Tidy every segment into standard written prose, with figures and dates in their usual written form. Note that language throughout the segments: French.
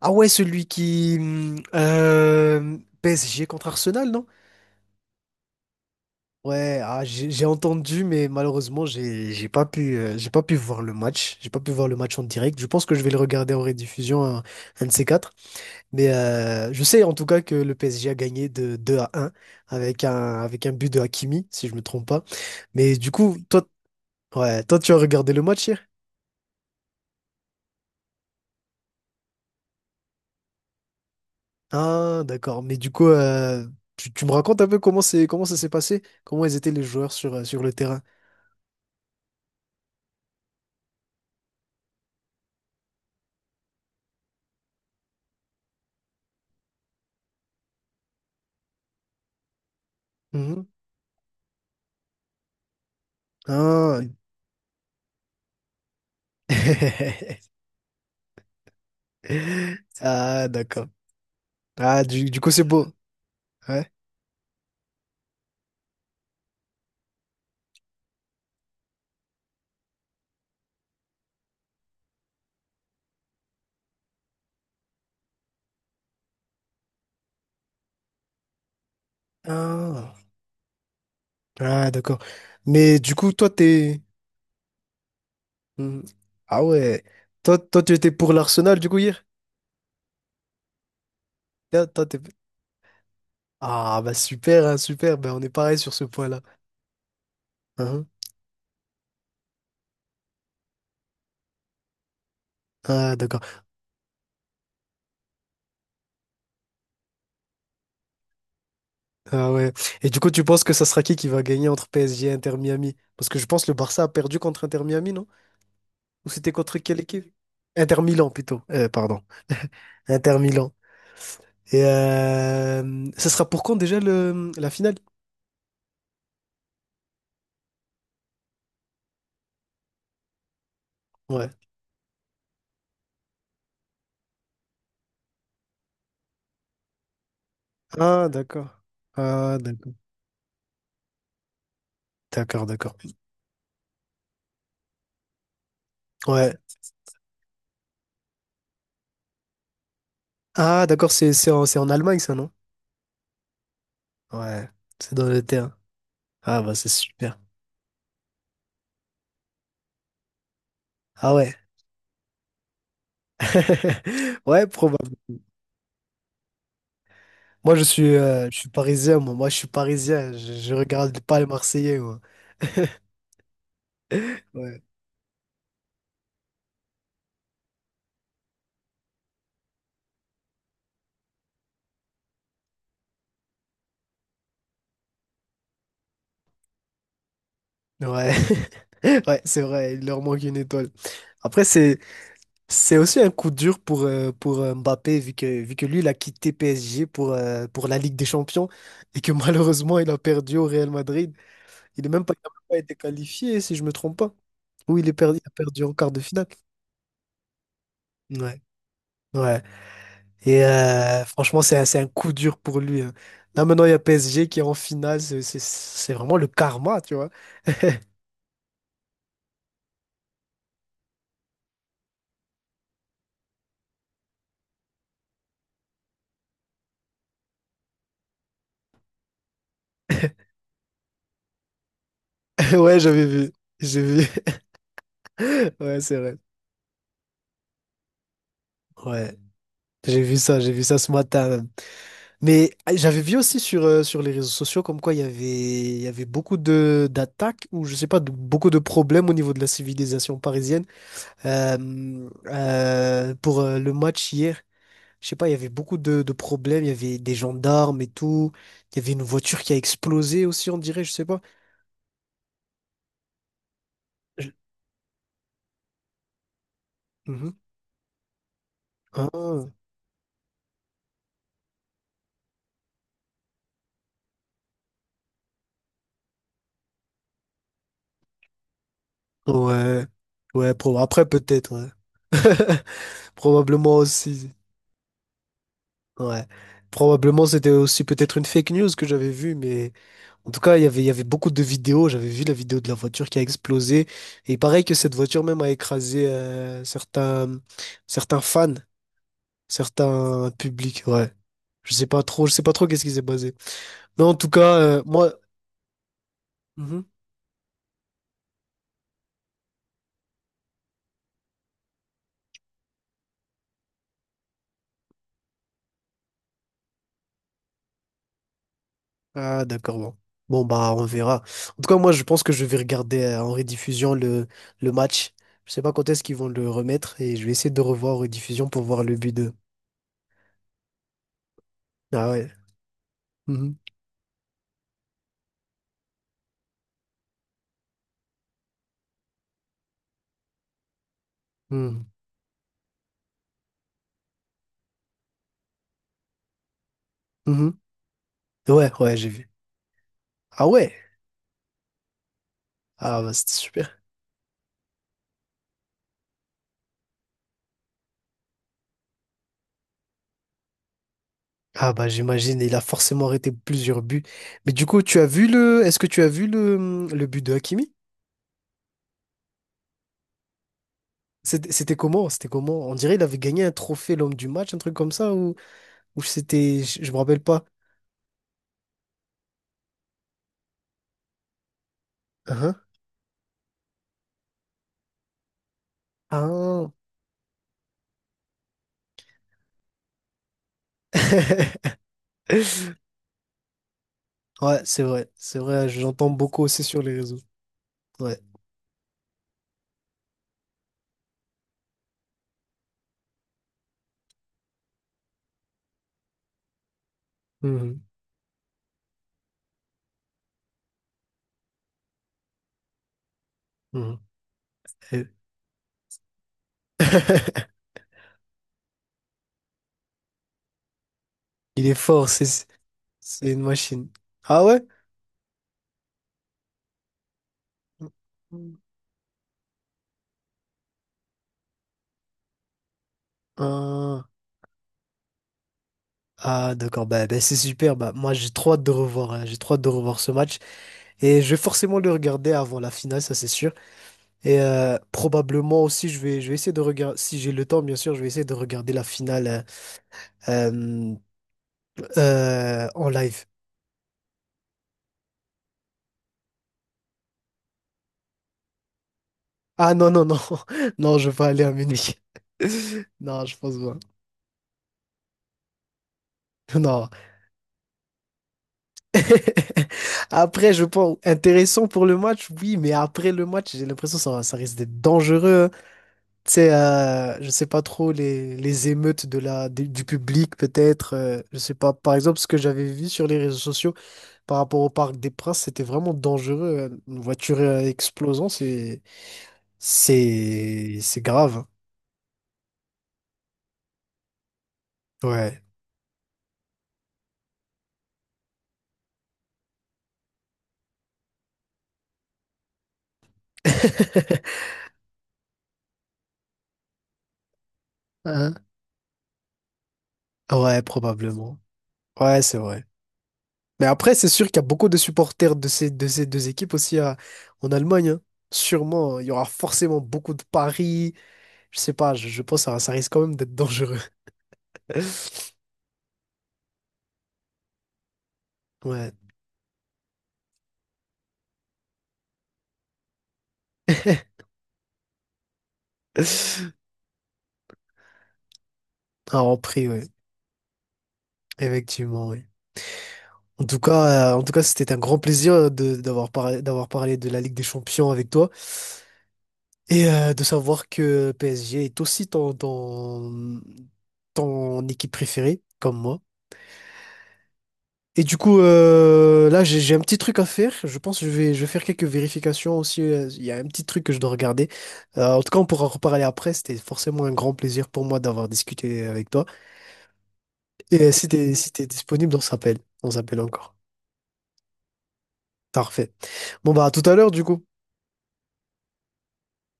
Ah ouais, celui qui... PSG contre Arsenal, non? Ouais, ah, j'ai entendu, mais malheureusement, j'ai pas pu, j'ai pas pu voir le match. J'ai pas pu voir le match en direct. Je pense que je vais le regarder en rediffusion, un de ces quatre. Mais je sais en tout cas que le PSG a gagné de 2 à un avec un, avec un but de Hakimi, si je me trompe pas. Mais du coup, toi, ouais, toi, tu as regardé le match hier? Ah, d'accord. Mais du coup, tu me racontes un peu comment c'est, comment ça s'est passé? Comment ils étaient les joueurs sur, sur le terrain? Mhm. Ah. Ah, d'accord. Ah, du coup, c'est beau. Ouais. Ah, Ah, d'accord. Mais du coup, toi, t'es. Mhm. Ah ouais. Toi, toi, tu étais pour l'Arsenal, du coup, hier? Toi, toi, t'es- Ah, bah super, hein, super. Ben, on est pareil sur ce point-là. Hein. Ah, d'accord. Ah ouais. Et du coup, tu penses que ça sera qui va gagner entre PSG et Inter Miami? Parce que je pense que le Barça a perdu contre Inter Miami, non? Ou c'était contre quelle équipe? Inter Milan, plutôt. Pardon. Inter Milan. Et ça sera pour quand déjà le, la finale? Ouais. Ah, d'accord. Ah, d'accord. D'accord, d'accord. Ouais. Ah, d'accord, c'est en, c'est en Allemagne, ça, non? Ouais. C'est dans le terrain. Ah, bah, c'est super. Ah ouais. Ouais, probable. Moi, je suis parisien, moi. Moi, je suis parisien. Je regarde pas les Marseillais, moi. Ouais. Ouais. Ouais, c'est vrai. Il leur manque une étoile. Après, c'est aussi un coup dur pour Mbappé, vu que lui, il a quitté PSG pour la Ligue des Champions et que malheureusement, il a perdu au Real Madrid. Il n'a même pas, il a même pas été qualifié, si je me trompe pas. Oui, il est perdu, il a perdu en quart de finale. Ouais. Ouais. Et franchement, c'est un coup dur pour lui, hein. Là, maintenant, il y a PSG qui est en finale. C'est- c'est vraiment le karma, tu vois. Ouais, j'avais vu. J'ai vu. Ouais, c'est vrai. Ouais. J'ai vu ça ce matin. Mais ah, j'avais vu aussi sur, sur les réseaux sociaux comme quoi il y avait beaucoup de d'attaques ou je sais pas, de- beaucoup de problèmes au niveau de la civilisation parisienne. Pour le match hier, je sais pas, il y avait beaucoup de problèmes, il y avait des gendarmes et tout. Il y avait une voiture qui a explosé aussi, on dirait, je sais pas. Je- Mhm. Ah, ouais, ouais, pro- après peut-être, ouais. Probablement aussi. Ouais. Probablement c'était aussi peut-être une fake news que j'avais vue, mais. En tout cas, il y avait beaucoup de vidéos. J'avais vu la vidéo de la voiture qui a explosé. Et pareil que cette voiture même a écrasé certains, certains fans, certains publics. Ouais. Je sais pas trop, je sais pas trop qu'est-ce qui s'est passé. Mais en tout cas, moi. Mhm. Ah, d'accord, bon. Bon, bah, on verra. En tout cas, moi, je pense que je vais regarder en rediffusion le match. Je sais pas quand est-ce qu'ils vont le remettre et je vais essayer de revoir en rediffusion pour voir le but de. Ah ouais. Mhm. Mhm. Mhm. Ouais, ouais, j'ai vu. Ah ouais. Ah bah c'était super. Ah bah j'imagine, il a forcément arrêté plusieurs buts. Mais du coup, tu as vu le. Est-ce que tu as vu le but de Hakimi? C'était comment? C'était comment? On dirait il avait gagné un trophée l'homme du match, un truc comme ça, ou c'était. Je me rappelle pas. Hein. Ah. Ouais, c'est vrai. C'est vrai, j'entends beaucoup aussi sur les réseaux. Ouais. Mhm. Mhm. Et- Il est fort, c'est une machine. Ah ouais? Mmh. Ah. Ah, d'accord, bah, bah, c'est super. Bah, moi, j'ai trop hâte de revoir, hein, j'ai trop hâte de revoir ce match. Et je vais forcément le regarder avant la finale, ça c'est sûr. Et probablement aussi, je vais essayer de regarder, si j'ai le temps, bien sûr, je vais essayer de regarder la finale euh, en live. Ah non, non, non, non, je vais pas aller à Munich. Non, je pense pas. Non. Après, je pense, intéressant pour le match, oui, mais après le match, j'ai l'impression que ça risque d'être dangereux, hein. Tu sais, je sais pas trop les émeutes de la, des- du public, peut-être. Je sais pas. Par exemple, ce que j'avais vu sur les réseaux sociaux par rapport au Parc des Princes, c'était vraiment dangereux. Une voiture explosant, c'est grave. Ouais. Hein? Ouais, probablement. Ouais, c'est vrai. Mais après, c'est sûr qu'il y a beaucoup de supporters de ces deux équipes aussi à- en Allemagne, hein. Sûrement, il y aura forcément beaucoup de paris. Je sais pas, je pense que ça risque quand même d'être dangereux. Ouais. Ah, en prix, ouais. Effectivement, oui. En tout cas, c'était un grand plaisir de, d'avoir parlé de la Ligue des Champions avec toi et de savoir que PSG est aussi ton, ton, ton équipe préférée, comme moi. Et du coup, là, j'ai un petit truc à faire. Je pense que je vais faire quelques vérifications aussi. Il y a un petit truc que je dois regarder. En tout cas, on pourra en reparler après. C'était forcément un grand plaisir pour moi d'avoir discuté avec toi. Et si t'es si t'es disponible, on s'appelle. On s'appelle encore. Parfait. Bon bah à tout à l'heure du coup.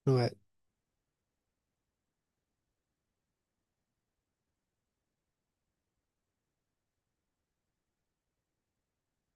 Ouais.